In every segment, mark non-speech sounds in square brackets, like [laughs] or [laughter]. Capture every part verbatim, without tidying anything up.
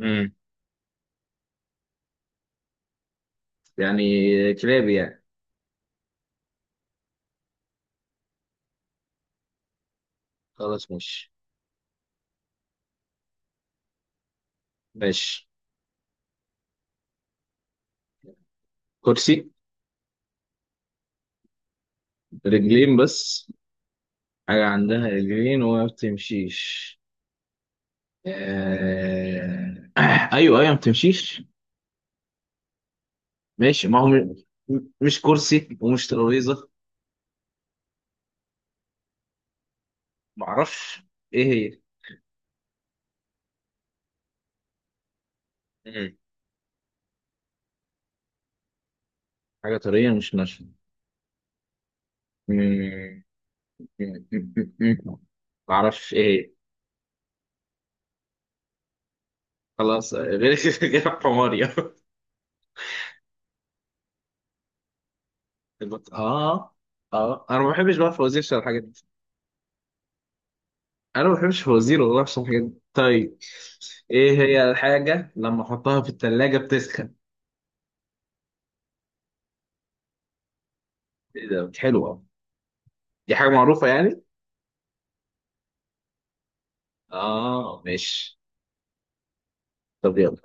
امم يعني كلاب يعني. خلاص ماشي. ماشي. كرسي. رجلين بس. حاجة عندها رجلين وما بتمشيش. آه... [clears throat] ايوه ايوه ما بتمشيش. ماشي ما هو. م- مش كرسي ومش ترابيزة. معرفش ايه هي. مم. حاجة طرية مش ناشفة. مم. [laughs] معرفش ايه هي. خلاص، غير [laughs] غير حماري [laughs] اه اه، انا ما بحبش بقى فوازير الحاجات. انا ما بحبش فوازير والله، عشان الحاجات دي. طيب، ايه هي الحاجه لما احطها في الثلاجه بتسخن؟ ايه ده، حلوه! دي حاجه معروفه يعني. اه ماشي. طب يلا.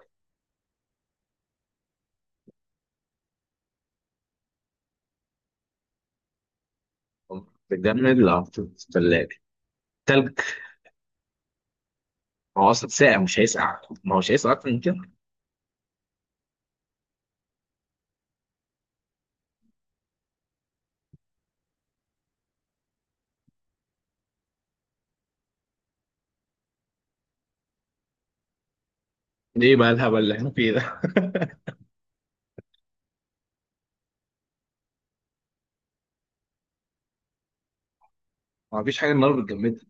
بتجمد لو حطيت في الثلاجه؟ تلج. ما هو اصلا ساقع، مش هيسقع، ما هو مش هيسقع اكتر من كده. ليه بقى الهبل اللي احنا فيه ده؟ ما فيش حاجه النار بتجمدها.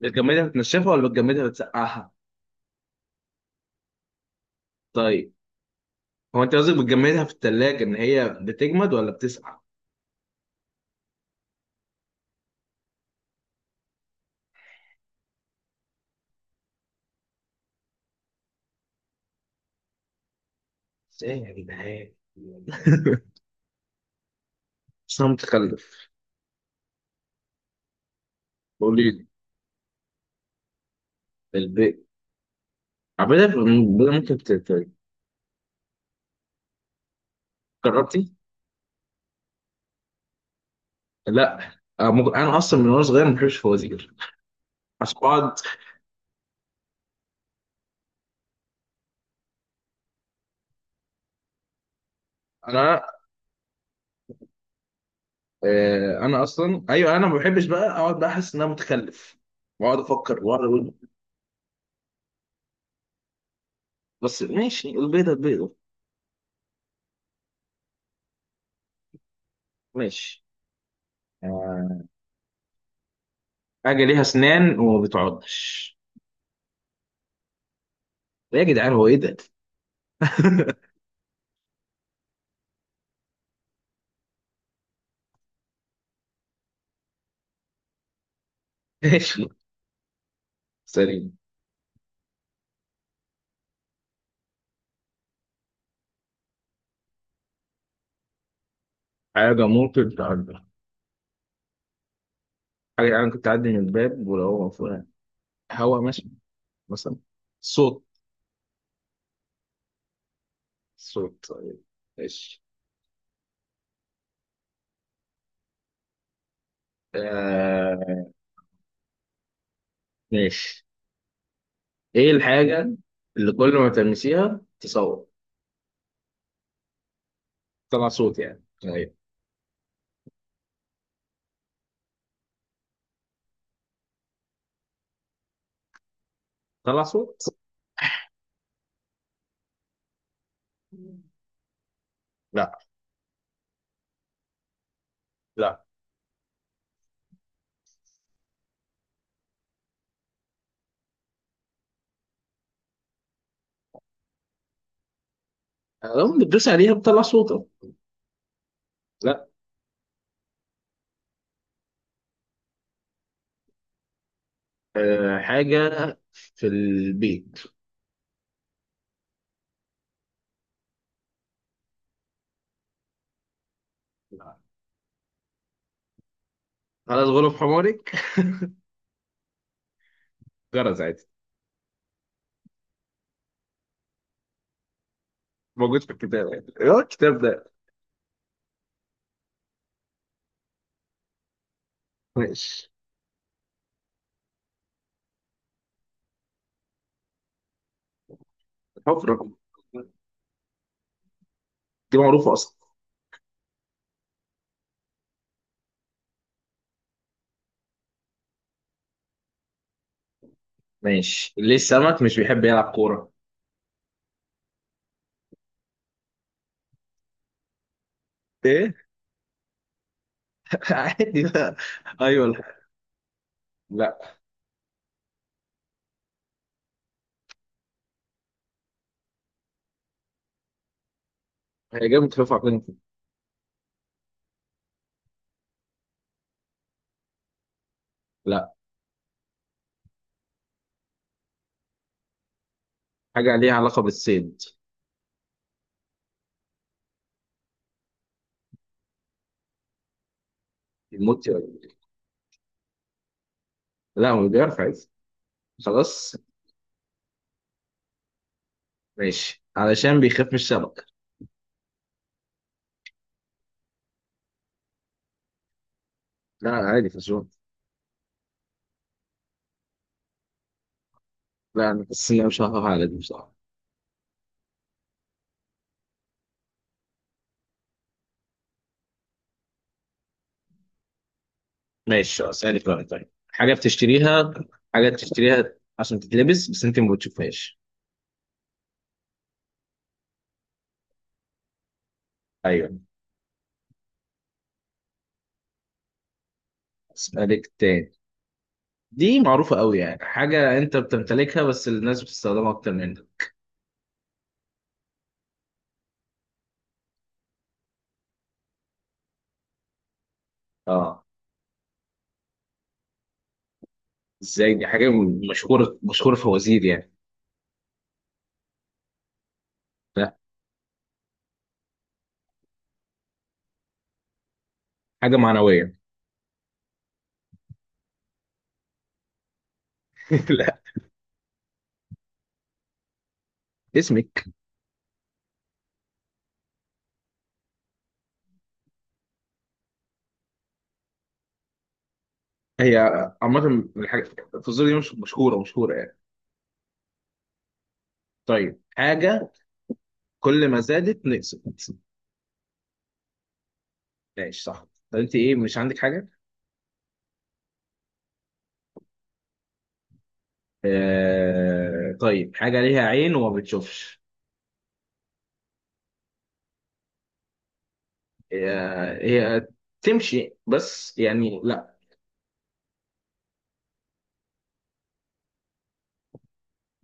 بتجمدها بتنشفها ولا بتجمدها بتسقعها؟ طيب. هو انت قصدك بتجمدها في الثلاجه ان هي بتجمد ولا بتسقع؟ بس ايه يا جدعان؟ [laughs] صمت متخلف. قولي لي. البيت. عبيدة بدل. ممكن ت- ت- جربتي؟ لا. آه، ممكن- انا اصلا من وانا صغير ما بحبش الفوازير عشان اقعد. انا آه، انا اصلا، ايوه، انا ما بحبش بقى اقعد بقى احس ان انا متخلف واقعد افكر واقعد اقول. بس ماشي، البيضه البيضه. ماشي. آه، حاجه ليها اسنان وما بتعضش. إيه يا جدعان، هو ايه ده؟ [laughs] ماشي سليم. حاجه ممكن تعدي. حاجه انا كنت اعدي من الباب ولو هو مقفول. هوا ماشي. مثلا صوت. صوت طيب. ماشي. آه ماشي. ايه الحاجة اللي كل ما تلمسيها تصوت؟ تطلع صوت يعني، ايوه. تطلع صوت. لا. لا لو بتدوس عليها بتطلع صوت أهو. لا. آه حاجة في البيت. لا. خلاص غلب حمارك [laughs] جرس عادي. موجود في الكتاب يعني، ايه هو الكتاب ده؟ ماشي. حفرة. دي معروفة أصلا. ماشي. ليه السمك مش بيحب يلعب كورة؟ ايه [laughs] عادي بقى. ايوه. لا. لا، هي جامد خفيف على فكرة. لا، حاجة ليها علاقة بالصيد. الموت يعني. لا هو بيعرف عادي. خلاص. ماشي، علشان بيخاف من الشبكة. لا عادي في الشغل. لا، أنا بس أنا مش هخاف على دي بصراحة. ماشي خلاص يعني. كمان، طيب، حاجة بتشتريها. حاجة بتشتريها عشان تتلبس بس أنت ما بتشوفهاش. أيوه. أسألك تاني. دي معروفة أوي يعني. حاجة أنت بتمتلكها بس الناس بتستخدمها أكتر منك. أه. إزاي؟ دي حاجة مشهورة مشهورة في وزير يعني. لا. حاجة معنوية. [laughs] لا. اسمك. هي عامة الحاجة الفاصوليا دي، مش مشهورة مشهورة يعني. طيب حاجة كل ما زادت نقصت. ماشي صح. طب انت ايه، مش عندك حاجة؟ آه... طيب، حاجة ليها عين وما بتشوفش. آه... هي تمشي بس يعني؟ لا.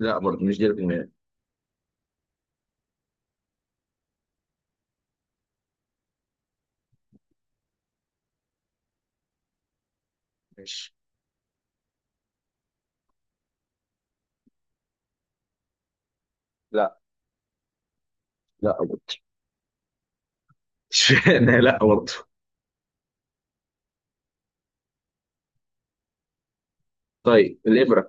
لا برضه مش دي الجملة. ماشي. لا لا برضه. اشمعنى؟ [laughs] لا برضه. طيب الإبرة.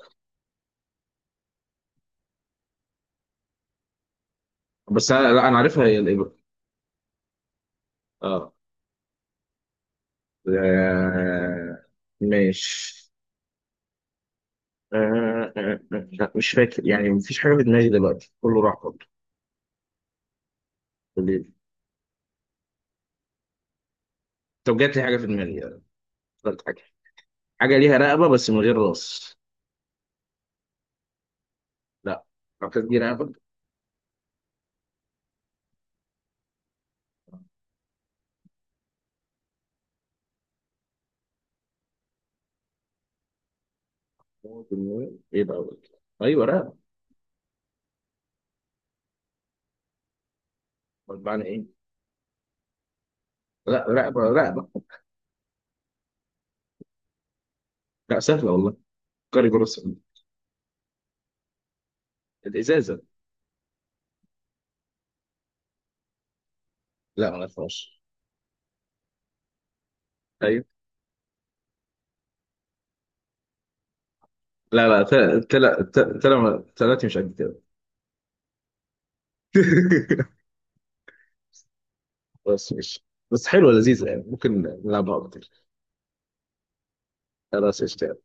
بس انا، لا انا عارفها هي الإبرة. اه. آه... ماشي. آه آه آه لا مش فاكر يعني، مفيش حاجة في دماغي دلوقتي كله راح برضه. بالليل. طب جات لي حاجة في دماغي. آه، افتكرت حاجة. حاجة ليها رقبة بس من غير راس. لا. أعتقد دي رقبة. إيه بقى أقول لك؟ أيوه رقبة. أمال معنى إيه؟ لا، رقبة رقبة. لا سهلة والله. كاري جروس. الإزازة. لا ما عرفهاش. أيوه. لا لا، تل تل تل تل تلاتي مش قد كده. [laughs] بس مش بس حلوة لذيذة يعني، ممكن نلعبها أكتر. خلاص قشطة.